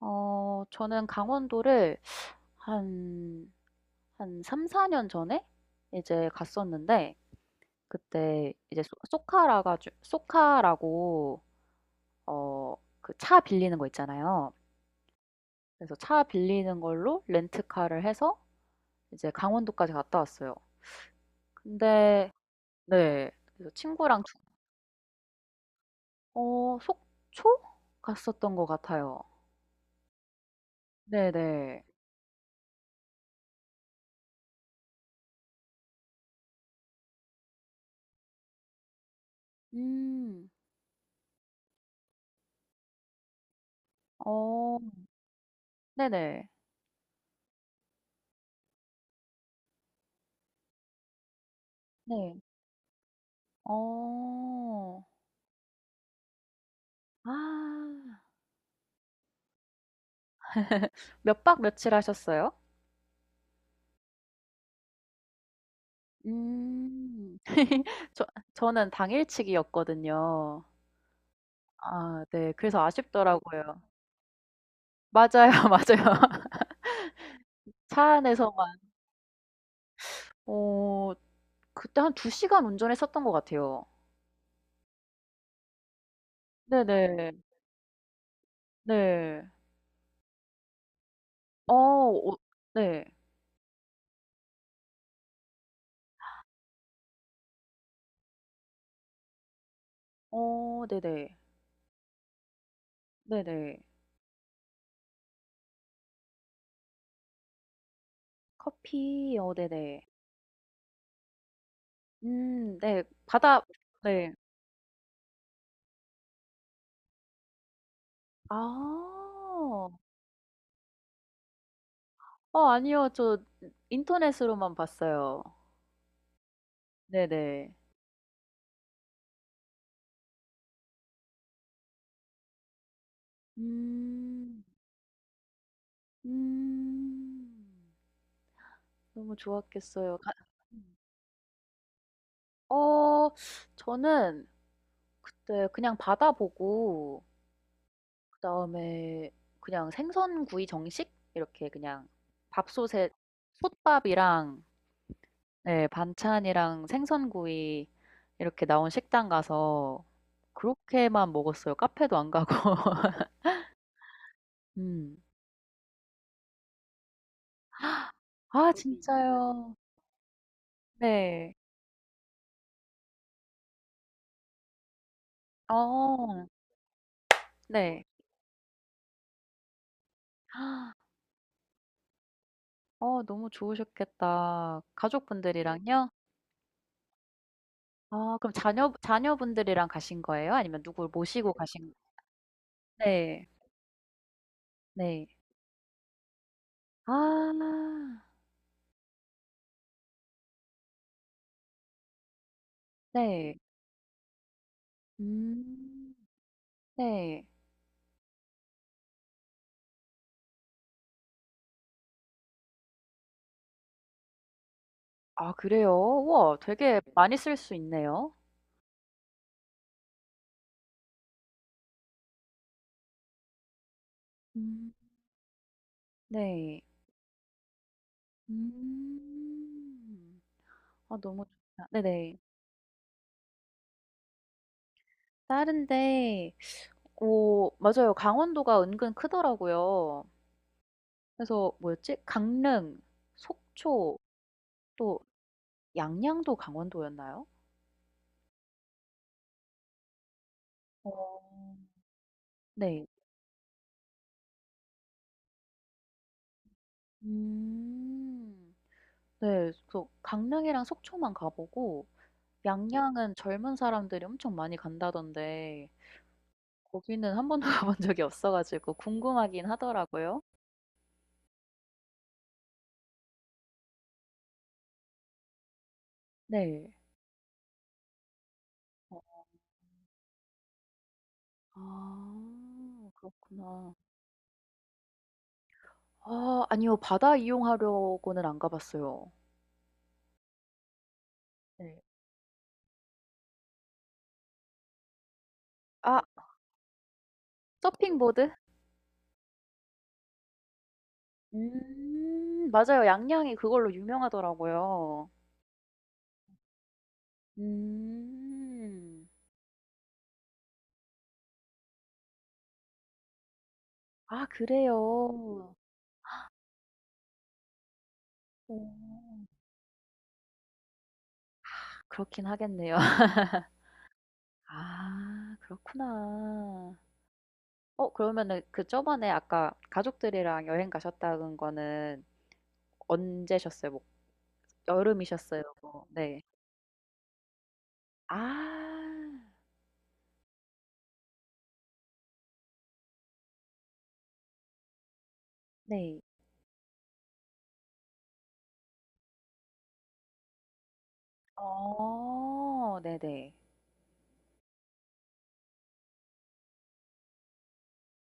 저는 강원도를 한 한 3-4년 전에 이제 갔었는데, 그때 이제 소 소카라가 주 소카라고 어, 그 차 빌리는 거 있잖아요. 그래서 차 빌리는 걸로 렌트카를 해서 이제 강원도까지 갔다 왔어요. 근데 네. 그래서 친구랑 두 어, 속초? 갔었던 것 같아요. 네네. 음. 어. 네네. 네. 어. 아. 몇박 며칠 하셨어요? 음. 저, 저는 당일치기였거든요. 아, 네. 그래서 아쉽더라고요. 맞아요, 맞아요. 차 안에서만. 어, 그때 한 두 시간 운전했었던 것 같아요. 네네. 네. 어 어. 네. 어, 네네. 네네. 커피 어, 네네. 음, 네. 바다 네. 아. 어, 아니요. 저 인터넷으로만 봤어요. 네네. 음. 음. 너무 좋았겠어요. 가 음. 어, 저는 그때 그냥 받아 보고, 그다음에 그냥 생선구이 정식 이렇게 그냥 밥솥에 솥밥이랑 네, 반찬이랑 생선구이 이렇게 나온 식당 가서 그렇게만 먹었어요. 카페도 안 가고. 음. 아, 진짜요. 네. 어. 네. 어, 너무 좋으셨겠다. 가족분들이랑요? 아, 그럼 자녀분들이랑 가신 거예요? 아니면 누굴 모시고 가신? 네. 네. 아. 네. 음. 네. 아, 그래요? 우와, 되게 많이 쓸 수 있네요. 음. 네. 음. 아, 너무 좋다. 네네. 다른데 어, 맞아요. 강원도가 은근 크더라고요. 그래서 뭐였지? 강릉, 속초, 또 양양도 강원도였나요? 어. 네. 음. 네. 그래서 강릉이랑 속초만 가보고, 양양은 젊은 사람들이 엄청 많이 간다던데 거기는 한 번도 가본 적이 없어가지고 궁금하긴 하더라고요. 네. 어. 아, 그렇구나. 아, 아니요. 바다 이용하려고는 안 가봤어요. 네. 아, 네. 서핑보드? 음, 맞아요. 양양이 그걸로 유명하더라고요. 음. 아, 그래요. 오, 그렇긴 하겠네요. 아, 그렇구나. 어, 그러면은 그 저번에 아까 가족들이랑 여행 가셨다는 거는 언제셨어요? 뭐 여름이셨어요? 뭐 네. 아, 네. 어, 네네.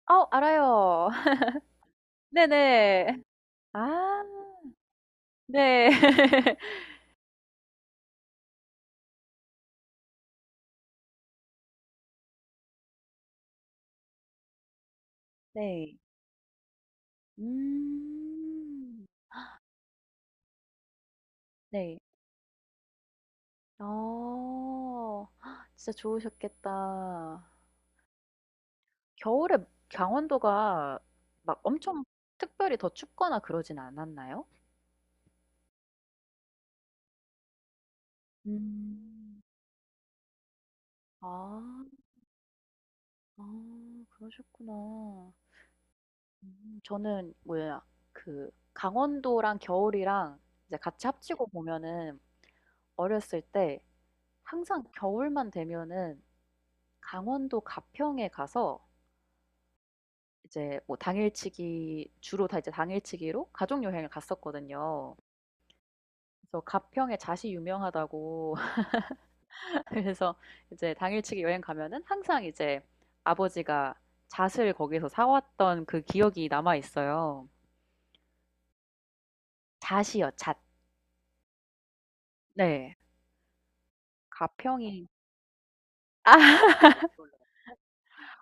어, 알아요. 네네. 아, 네. 네. 음. 네. 어. 헉, 진짜 좋으셨겠다. 겨울에 강원도가 막 엄청 특별히 더 춥거나 그러진 않았나요? 음. 아. 아, 그러셨구나. 음, 저는 뭐야, 그 강원도랑 겨울이랑 이제 같이 네, 합치고 보면은 어렸을 때 항상 겨울만 되면은 강원도 가평에 가서 이제 뭐 당일치기, 주로 다 이제 당일치기로 가족 여행을 갔었거든요. 그래서 가평에 잣이 유명하다고 그래서 이제 당일치기 여행 가면은 항상 이제 아버지가 잣을 거기서 사왔던 그 기억이 남아 있어요. 잣이요, 잣. 네. 가평이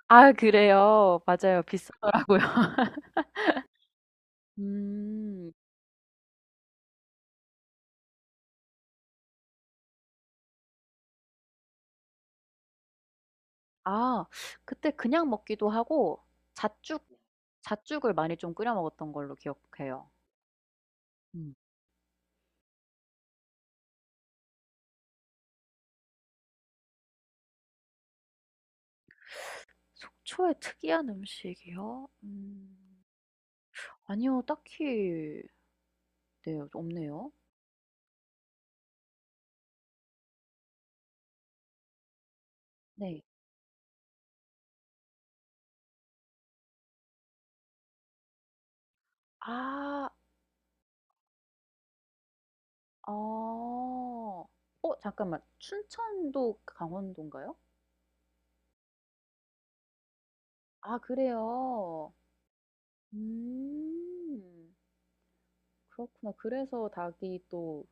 아, 그래요. 맞아요. 비싸더라고요. 음. 아, 그때 그냥 먹기도 하고, 잣죽 잣죽을 많이 좀 끓여 먹었던 걸로 기억해요. 음. 속초의 특이한 음식이요? 음. 아니요. 딱히 네, 없네요. 네. 아. 어. 어, 잠깐만. 춘천도 강원도인가요? 아, 그래요? 음. 그렇구나. 그래서 닭이 또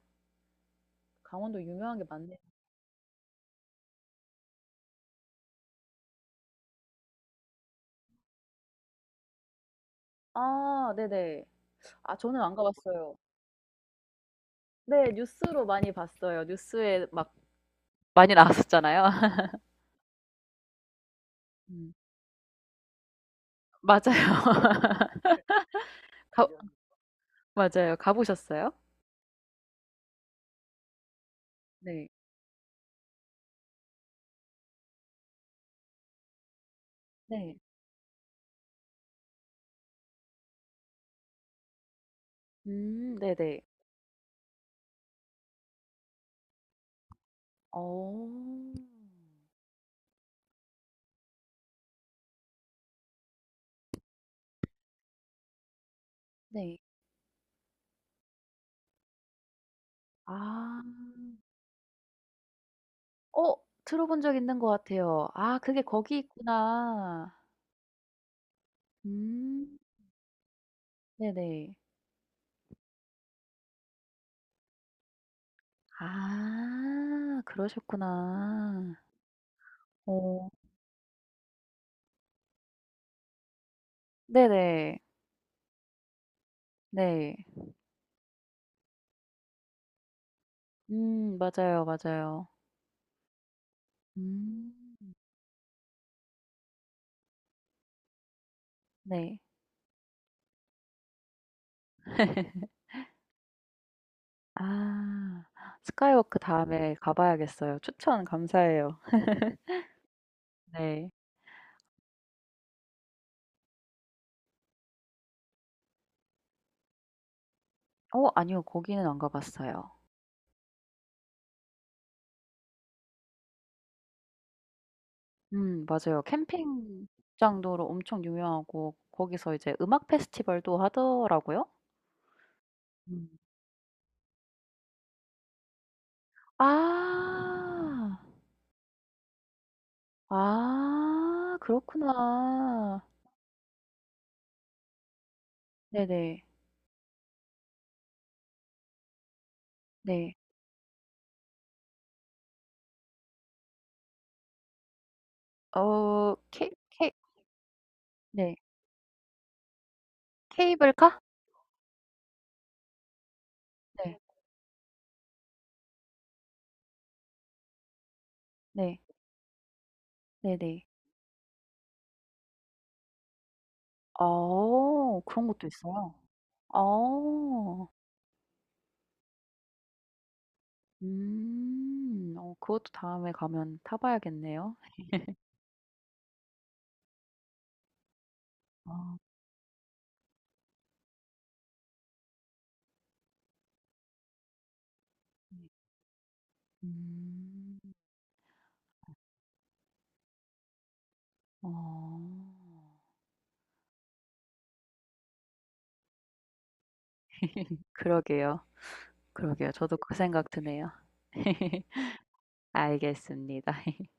강원도 유명한 게 많네요. 아, 네네. 아, 저는 안 가 봤어요. 네. 뉴스로 많이 봤어요. 뉴스에 막 많이 나왔었잖아요. 음. 맞아요. 가 맞아요. 가 보셨어요? 네. 네. 음, 네네. 어. 네. 아. 어, 들어본 적 있는 것 같아요. 아, 그게 거기 있구나. 음, 네네. 아, 그러셨구나. 어, 네네. 네. 음, 맞아요, 맞아요. 음, 네. 아, 스카이워크 다음에 가 봐야겠어요. 추천 감사해요. 네. 어, 아니요. 거기는 안 가 봤어요. 음, 맞아요. 캠핑장도로 엄청 유명하고 거기서 이제 음악 페스티벌도 하더라고요. 음. 아. 아, 그렇구나. 네네. 네. 어 케 케 네. 케이블카? 네. 네. 네네. 어, 그런 것도 있어요? 어. 음. 어, 그것도 다음에 가면 타 봐야겠네요. 아, 네. 음. 어. 그러게요. 그러게요. 저도 그 생각 드네요. 알겠습니다.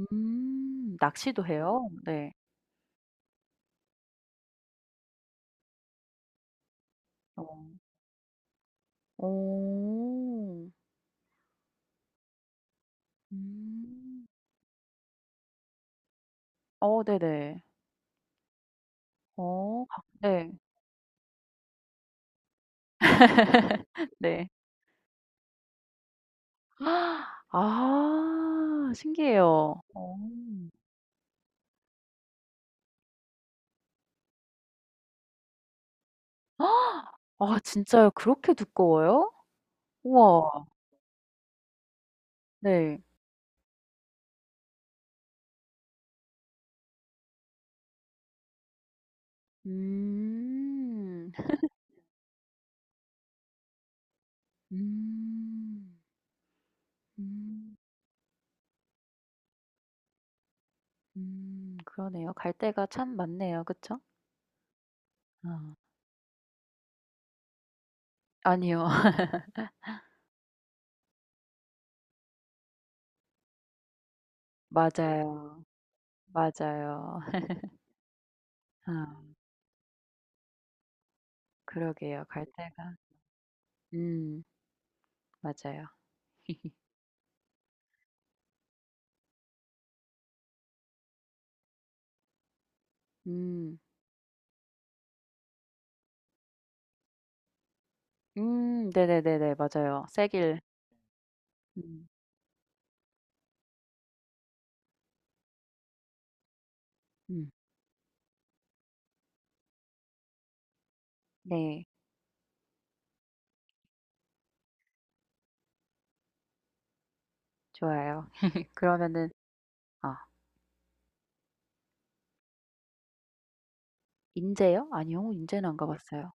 낚시도 해요? 네. 어. 오, 음. 어, 네네. 어, 가 네. 네. 아, 신기해요. 어. 아, 진짜요? 그렇게 두꺼워요? 우와. 네. 음. 음. 음. 음, 그러네요. 갈 데가 참 많네요. 그쵸? 어. 아니요. 맞아요. 맞아요. 아, 그러게요. 갈 데가 음, 맞아요. 음. 음, 네네네네. 맞아요. 세길 음. 음. 네. 좋아요. 그러면은 아, 인제요? 아니요. 인제는 안 가 봤어요.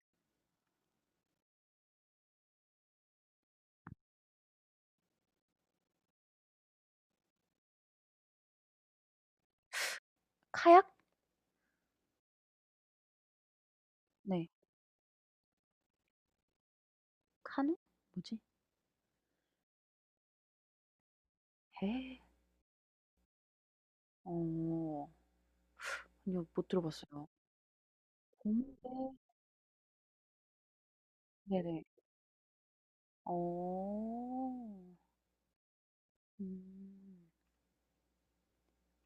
카약? 네. 카누? 뭐지? 에. 어. 아니요. 못 들어 봤어요. 곰배? 네네. 어. 음.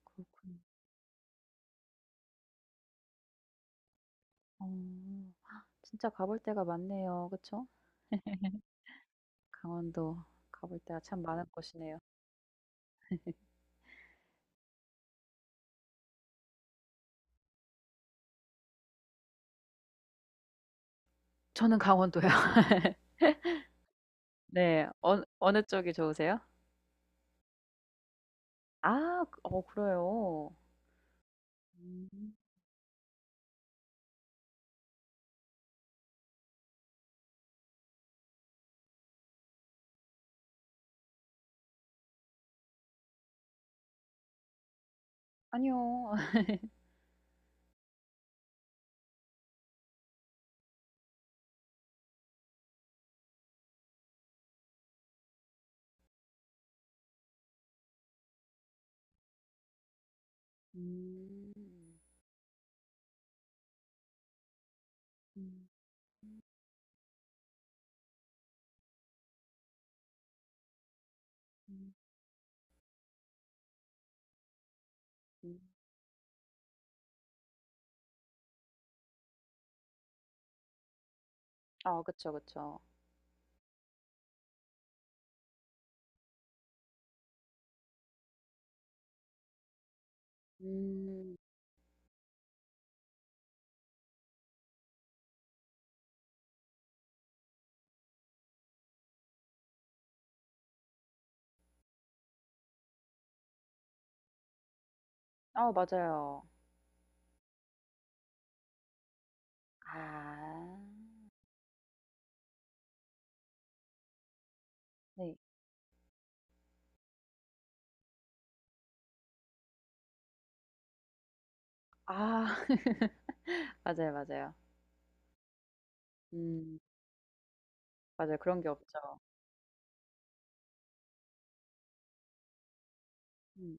그렇군요. 어. 진짜 가볼 데가 많네요. 그쵸? 강원도 가볼 데가 참 많은 곳이네요. 저는 강원도요. 네. 어느 쪽이 좋으세요? 아, 그 어, 그래요? 음. 아니요. 음. 음. 음. 음. 아, 그쵸, 그쵸. 음. 아, 맞아요. 아. 네. 아. 맞아요, 맞아요. 음. 맞아요. 그런 게 없죠. 음.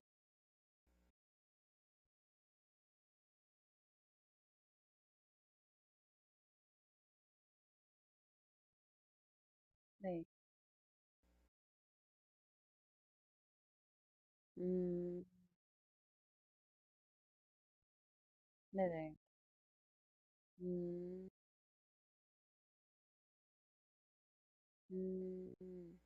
네. 음. 네네. 음. 음. 음.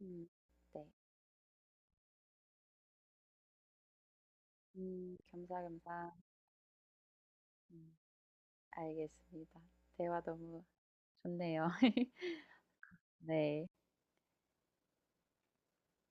음. 네. 음. 겸사겸사. 음. 알겠습니다. 대화 너무 좋네요. 네.